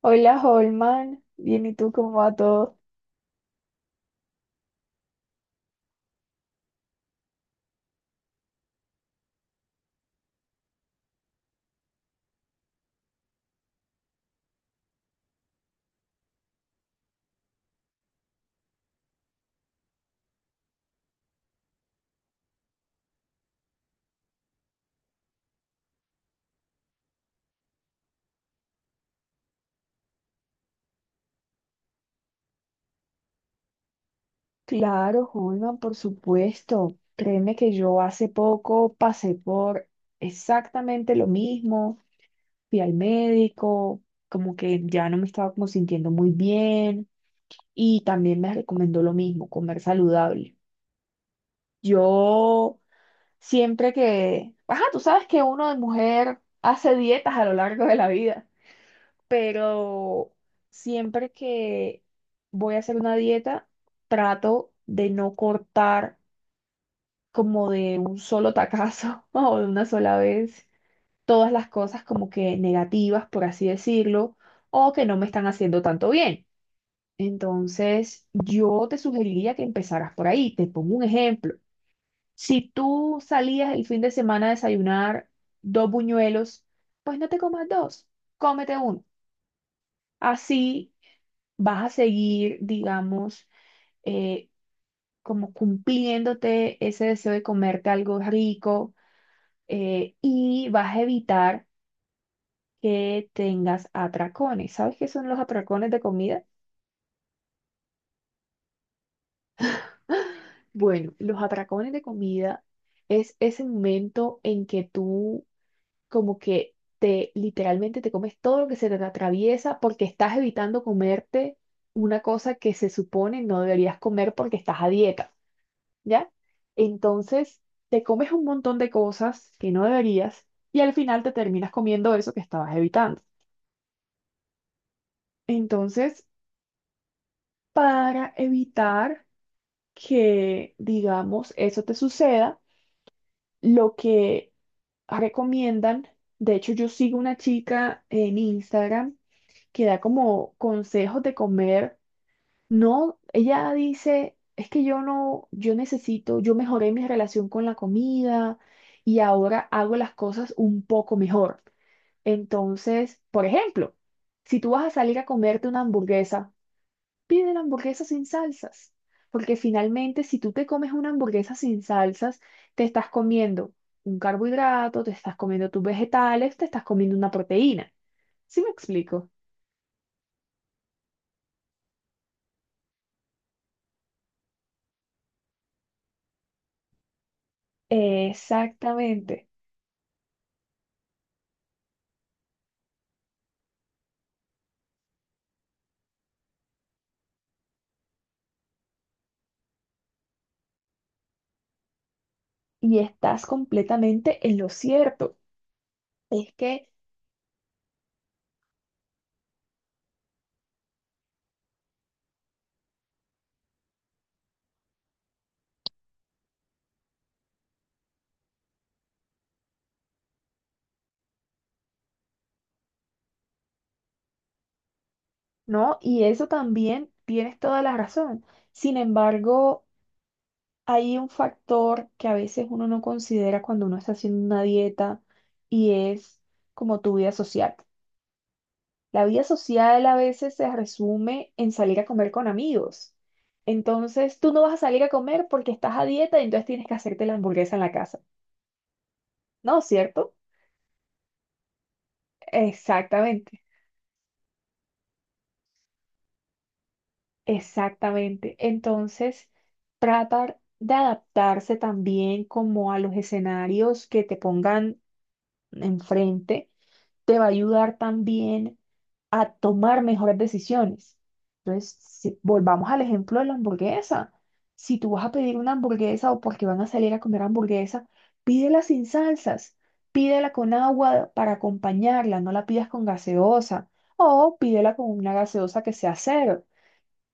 Hola, Holman. Bien, ¿y tú cómo va todo? Claro, Holman, por supuesto. Créeme que yo hace poco pasé por exactamente lo mismo. Fui al médico, como que ya no me estaba como sintiendo muy bien y también me recomendó lo mismo, comer saludable. Yo siempre que, ajá, tú sabes que uno de mujer hace dietas a lo largo de la vida, pero siempre que voy a hacer una dieta, trato de no cortar como de un solo tacazo o de una sola vez todas las cosas como que negativas, por así decirlo, o que no me están haciendo tanto bien. Entonces, yo te sugeriría que empezaras por ahí. Te pongo un ejemplo. Si tú salías el fin de semana a desayunar dos buñuelos, pues no te comas dos, cómete uno. Así vas a seguir, digamos, eh, como cumpliéndote ese deseo de comerte algo rico, y vas a evitar que tengas atracones. ¿Sabes qué son los atracones de comida? Bueno, los atracones de comida es ese momento en que tú como que te literalmente te comes todo lo que se te atraviesa porque estás evitando comerte una cosa que se supone no deberías comer porque estás a dieta. ¿Ya? Entonces, te comes un montón de cosas que no deberías y al final te terminas comiendo eso que estabas evitando. Entonces, para evitar que, digamos, eso te suceda, lo que recomiendan, de hecho, yo sigo una chica en Instagram que da como consejos de comer. No, ella dice, es que yo no, yo necesito, yo mejoré mi relación con la comida y ahora hago las cosas un poco mejor. Entonces, por ejemplo, si tú vas a salir a comerte una hamburguesa, pide la hamburguesa sin salsas, porque finalmente si tú te comes una hamburguesa sin salsas, te estás comiendo un carbohidrato, te estás comiendo tus vegetales, te estás comiendo una proteína. ¿Sí me explico? Exactamente. Y estás completamente en lo cierto. Es que, ¿no? Y eso también tienes toda la razón. Sin embargo, hay un factor que a veces uno no considera cuando uno está haciendo una dieta y es como tu vida social. La vida social a veces se resume en salir a comer con amigos. Entonces, tú no vas a salir a comer porque estás a dieta y entonces tienes que hacerte la hamburguesa en la casa. ¿No? ¿Cierto? Exactamente. Exactamente. Entonces, tratar de adaptarse también como a los escenarios que te pongan enfrente, te va a ayudar también a tomar mejores decisiones. Entonces, volvamos al ejemplo de la hamburguesa. Si tú vas a pedir una hamburguesa o porque van a salir a comer hamburguesa, pídela sin salsas, pídela con agua para acompañarla, no la pidas con gaseosa o pídela con una gaseosa que sea cero,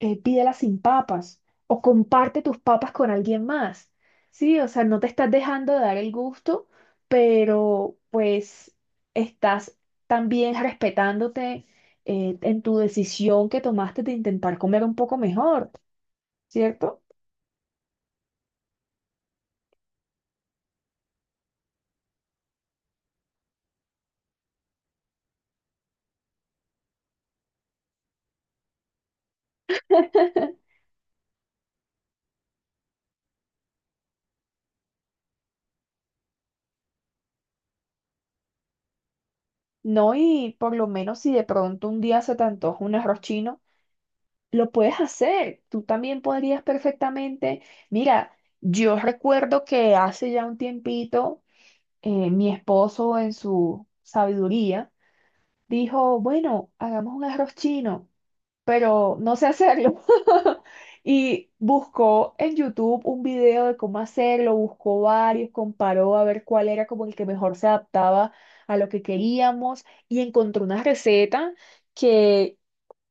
pídelas sin papas o comparte tus papas con alguien más. Sí, o sea, no te estás dejando de dar el gusto, pero pues estás también respetándote, en tu decisión que tomaste de intentar comer un poco mejor, ¿cierto? No, y por lo menos si de pronto un día se te antoja un arroz chino, lo puedes hacer. Tú también podrías perfectamente. Mira, yo recuerdo que hace ya un tiempito, mi esposo en su sabiduría dijo, bueno, hagamos un arroz chino, pero no sé hacerlo. Y buscó en YouTube un video de cómo hacerlo, buscó varios, comparó a ver cuál era como el que mejor se adaptaba a lo que queríamos y encontró una receta que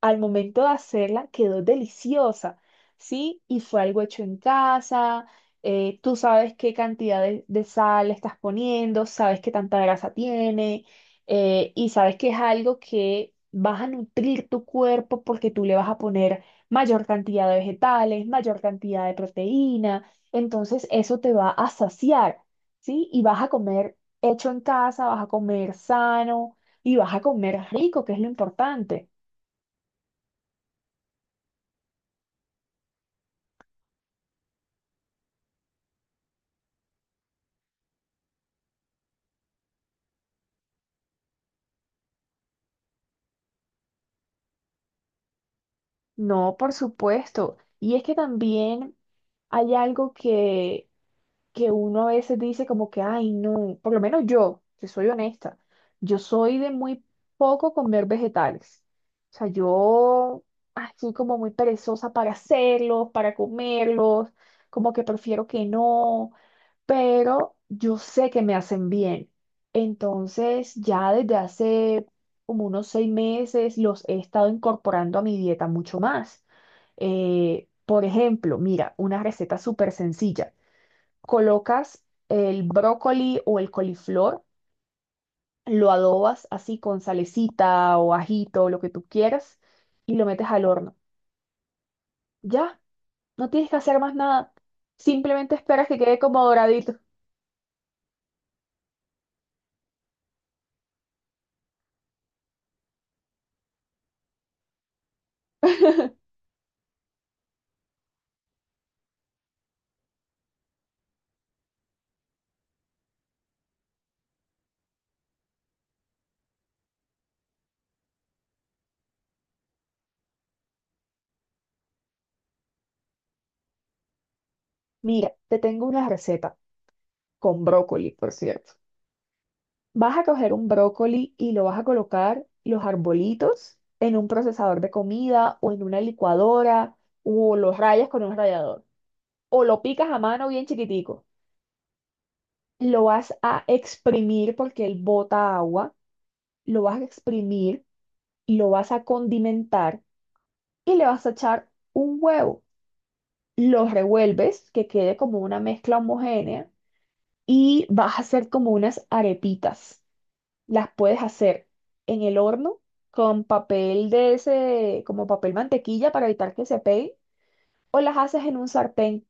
al momento de hacerla quedó deliciosa, ¿sí? Y fue algo hecho en casa, tú sabes qué cantidad de sal le estás poniendo, sabes qué tanta grasa tiene, y sabes que es algo que vas a nutrir tu cuerpo porque tú le vas a poner mayor cantidad de vegetales, mayor cantidad de proteína, entonces eso te va a saciar, ¿sí? Y vas a comer hecho en casa, vas a comer sano y vas a comer rico, que es lo importante. No, por supuesto. Y es que también hay algo que uno a veces dice como que, ay, no, por lo menos yo, que soy honesta, yo soy de muy poco comer vegetales. O sea, yo así como muy perezosa para hacerlos, para comerlos, como que prefiero que no, pero yo sé que me hacen bien. Entonces, ya desde hace como unos 6 meses los he estado incorporando a mi dieta mucho más. Por ejemplo, mira, una receta súper sencilla. Colocas el brócoli o el coliflor, lo adobas así con salecita o ajito, lo que tú quieras, y lo metes al horno. Ya, no tienes que hacer más nada. Simplemente esperas que quede como doradito. Mira, te tengo una receta con brócoli, por cierto. Vas a coger un brócoli y lo vas a colocar los arbolitos en un procesador de comida o en una licuadora o los rayas con un rallador, o lo picas a mano bien chiquitico, lo vas a exprimir porque él bota agua, lo vas a exprimir, lo vas a condimentar y le vas a echar un huevo. Lo revuelves, que quede como una mezcla homogénea y vas a hacer como unas arepitas. Las puedes hacer en el horno con papel de ese, como papel mantequilla para evitar que se pegue, o las haces en un sartén.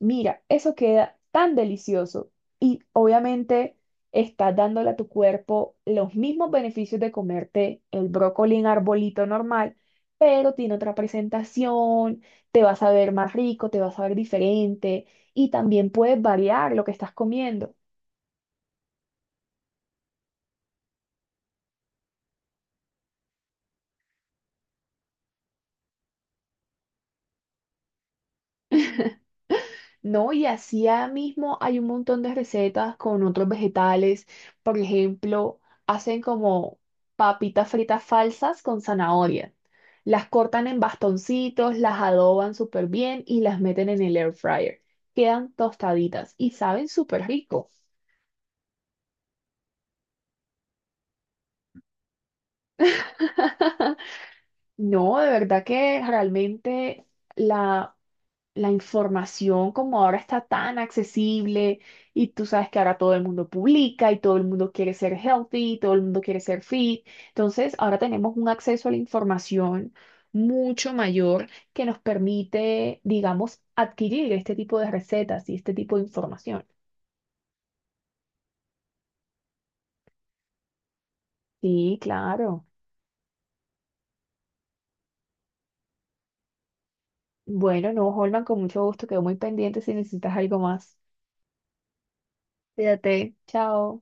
Mira, eso queda tan delicioso y obviamente estás dándole a tu cuerpo los mismos beneficios de comerte el brócoli en arbolito normal, pero tiene otra presentación, te vas a ver más rico, te vas a ver diferente y también puedes variar lo que estás comiendo. No, y así ya mismo hay un montón de recetas con otros vegetales. Por ejemplo, hacen como papitas fritas falsas con zanahoria. Las cortan en bastoncitos, las adoban súper bien y las meten en el air fryer. Quedan tostaditas y saben súper rico. No, de verdad que realmente la la información como ahora está tan accesible y tú sabes que ahora todo el mundo publica y todo el mundo quiere ser healthy y todo el mundo quiere ser fit. Entonces, ahora tenemos un acceso a la información mucho mayor que nos permite, digamos, adquirir este tipo de recetas y este tipo de información. Sí, claro. Bueno, no, Holman, con mucho gusto, quedo muy pendiente si necesitas algo más. Cuídate, chao.